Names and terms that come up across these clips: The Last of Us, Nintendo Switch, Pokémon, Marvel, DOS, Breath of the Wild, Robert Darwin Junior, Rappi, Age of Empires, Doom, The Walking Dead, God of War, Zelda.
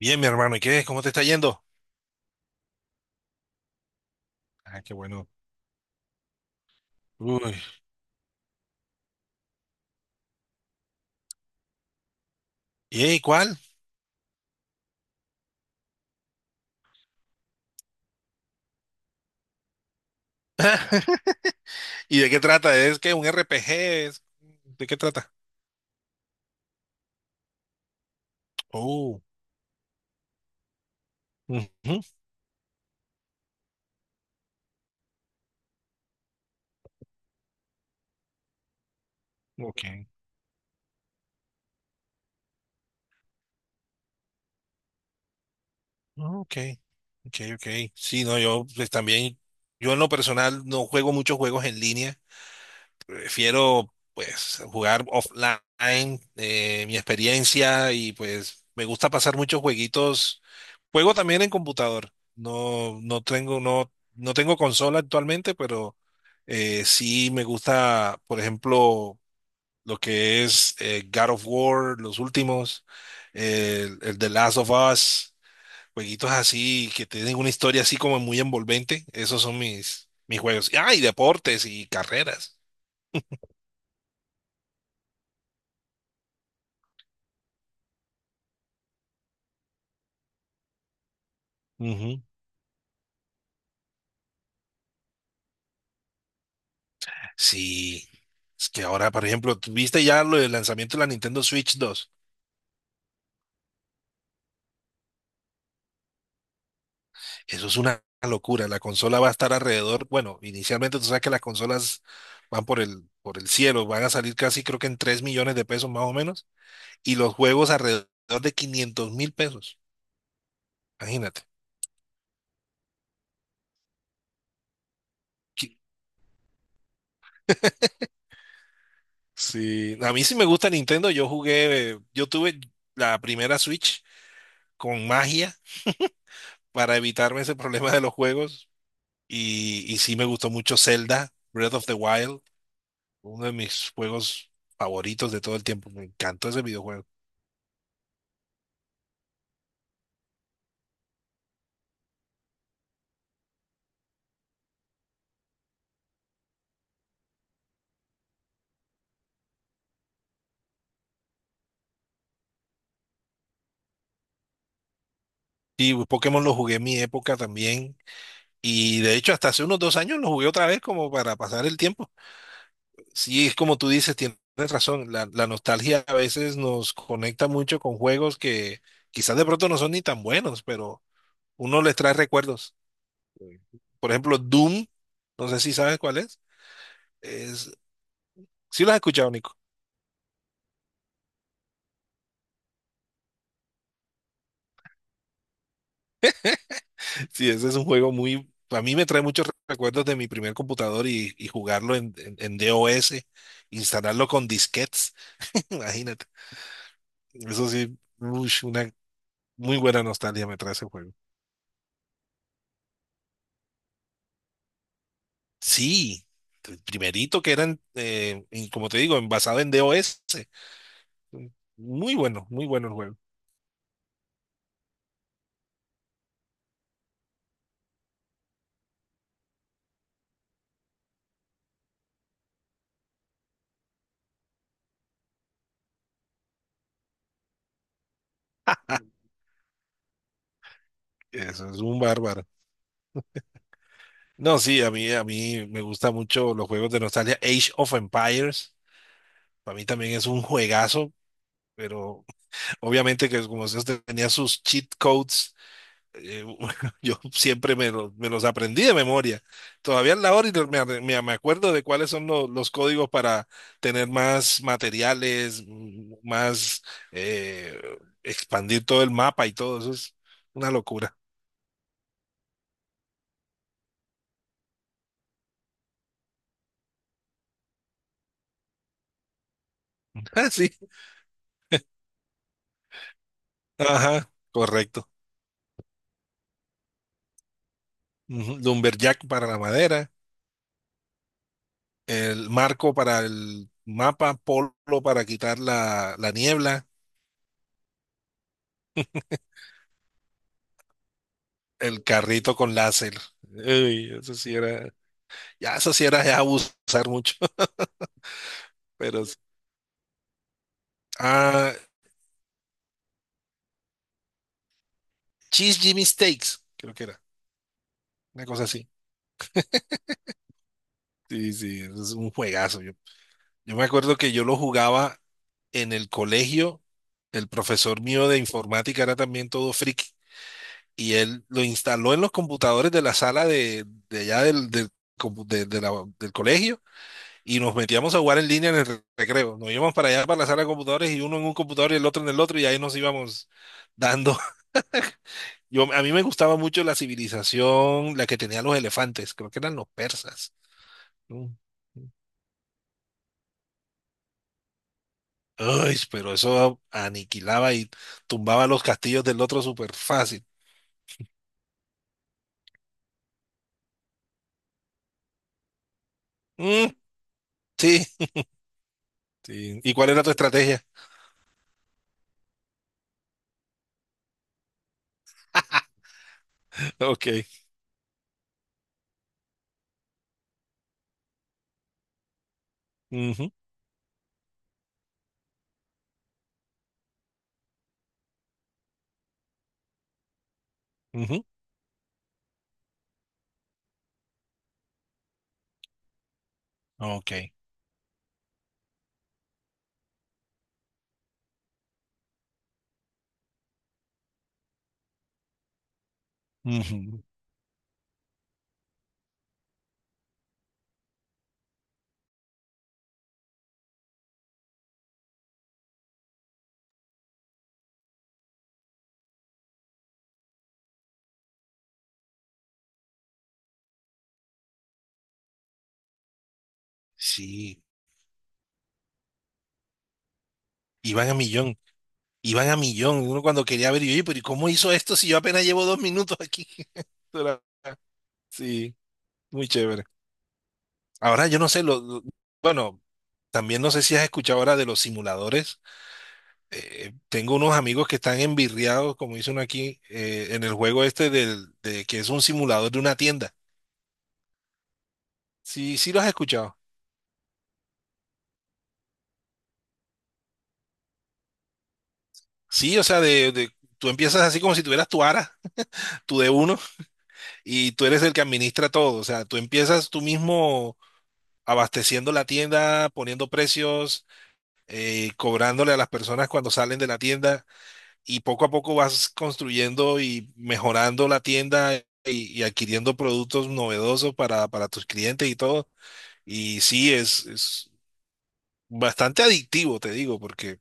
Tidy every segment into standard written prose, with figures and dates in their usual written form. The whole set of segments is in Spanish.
Bien, mi hermano, ¿y qué? ¿Cómo te está yendo? Ah, qué bueno. Uy. ¿Y cuál? ¿Y de qué trata? ¿Es que un RPG? ¿Es- ¿De qué trata? Oh. Ujú. Ok. Ok. Ok, ok. Sí, no, yo pues también, yo en lo personal no juego muchos juegos en línea. Prefiero pues jugar offline, mi experiencia, y pues me gusta pasar muchos jueguitos. Juego también en computador. No tengo, no tengo consola actualmente, pero sí me gusta, por ejemplo, lo que es God of War, los últimos, el The Last of Us, jueguitos así que tienen una historia así como muy envolvente. Esos son mis juegos. Ah, y deportes y carreras. Sí, es que ahora, por ejemplo, ¿tú viste ya lo del lanzamiento de la Nintendo Switch 2? Eso es una locura. La consola va a estar alrededor, bueno, inicialmente tú sabes que las consolas van por el cielo, van a salir casi creo que en 3 millones de pesos más o menos, y los juegos alrededor de 500 mil pesos. Imagínate. Qui- Sí, a mí sí me gusta Nintendo. Yo jugué, yo tuve la primera Switch con magia para evitarme ese problema de los juegos, y sí me gustó mucho Zelda, Breath of the Wild. Uno de mis juegos favoritos de todo el tiempo. Me encantó ese videojuego. Y Pokémon lo jugué en mi época también. Y de hecho, hasta hace unos 2 años lo jugué otra vez como para pasar el tiempo. Sí, es como tú dices, tienes razón. La nostalgia a veces nos conecta mucho con juegos que quizás de pronto no son ni tan buenos, pero uno les trae recuerdos. Por ejemplo, Doom, no sé si sabes cuál es. Es, sí lo has escuchado. Sí, ese es un juego muy. A mí me trae muchos recuerdos de mi primer computador y jugarlo en DOS, instalarlo con disquetes, imagínate. Eso sí, ush, una muy buena nostalgia me trae ese juego. Sí, el primerito que eran, como te digo, basado en DOS. Muy bueno, muy bueno el juego. Eso es un bárbaro. No, sí, a mí me gustan mucho los juegos de nostalgia. Age of Empires, para mí también es un juegazo, pero obviamente que como se hace, tenía sus cheat codes, eh, yo siempre me los aprendí de memoria. Todavía a la hora y me acuerdo de cuáles son los códigos para tener más materiales, más eh, expandir todo el mapa y todo. Eso es una locura. Ah, sí. Ajá, correcto. Ujú. Lumberjack para la madera, el marco para el mapa, polo para quitar la niebla. El carrito con láser. Uy, eso sí era ya abusar mucho, pero sí. ah, Cheese Jimmy Steaks, creo que era, una cosa así. Sí, sí, eso es un juegazo. Yo me acuerdo que yo lo jugaba en el colegio, el profesor mío de informática era también todo friki y él lo instaló en los computadores de la sala de allá del, del compu- de la- del colegio, y nos metíamos a jugar en línea en el recreo. Nos íbamos para allá, para la sala de computadores, y uno en un computador y el otro en el otro, y ahí nos íbamos dando. A mí me gustaba mucho la civilización, la que tenía los elefantes, creo que eran los persas. Mm. Ay, pero eso aniquilaba y tumbaba los castillos del otro súper fácil. Mm, sí, sí. ¿Y cuál era tu estrategia? Ok. Ujú, ujú. Ok. Ujú. Sí, iban a millón. Iban a millón. Uno cuando quería ver, y yo, "Oye, pero ¿y cómo hizo esto si yo apenas llevo 2 minutos aquí?" Esto era- Sí, muy chévere. Ahora yo no sé, bueno, también no sé si has escuchado ahora de los simuladores. Tengo unos amigos que están envirriados, como dice uno aquí, en el juego este de que es un simulador de una tienda. Sí, sí lo has escuchado. Sí, o sea, tú empiezas así como si tuvieras tu ARA, tu D1, y tú eres el que administra todo. O sea, tú empiezas tú mismo abasteciendo la tienda, poniendo precios, cobrándole a las personas cuando salen de la tienda, y poco a poco vas construyendo y mejorando la tienda y adquiriendo productos novedosos para tus clientes y todo. Y sí, es bastante adictivo, te digo, porque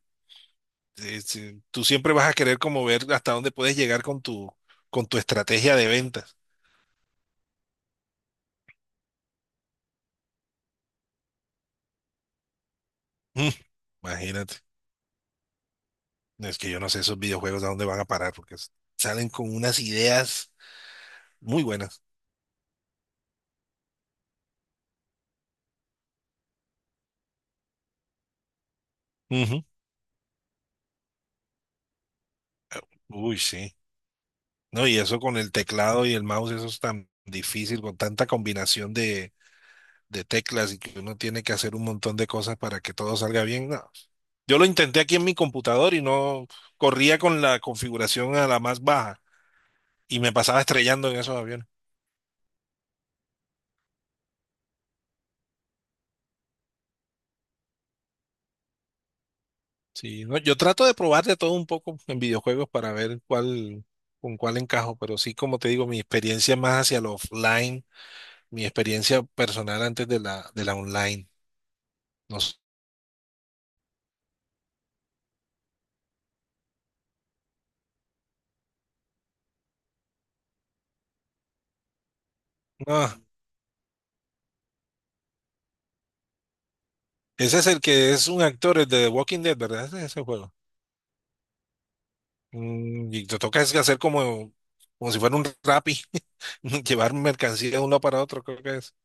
tú siempre vas a querer como ver hasta dónde puedes llegar con tu estrategia de ventas. Mm, imagínate. Es que yo no sé esos videojuegos a dónde van a parar, porque salen con unas ideas muy buenas. Ujú. Uy, sí. No, y eso con el teclado y el mouse, eso es tan difícil, con tanta combinación de teclas, y que uno tiene que hacer un montón de cosas para que todo salga bien. No. Yo lo intenté aquí en mi computador y no corría con la configuración a la más baja y me pasaba estrellando en esos aviones. Sí, no, yo trato de probar de todo un poco en videojuegos para ver con cuál encajo, pero sí, como te digo, mi experiencia es más hacia lo offline, mi experiencia personal antes de la online. No, no, ese es el que es un actor, el de The Walking Dead, ¿verdad? Ese juego. Mm, y te toca es hacer como si fuera un Rappi, llevar mercancía de un lado para otro, creo que es.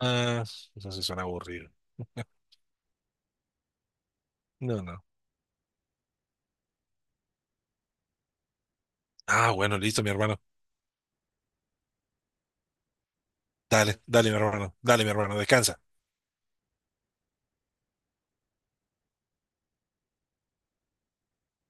Ah, eso sí suena aburrido. No, no. Ah, bueno, listo, mi hermano. Dale, dale, mi hermano. Dale, mi hermano. Descansa.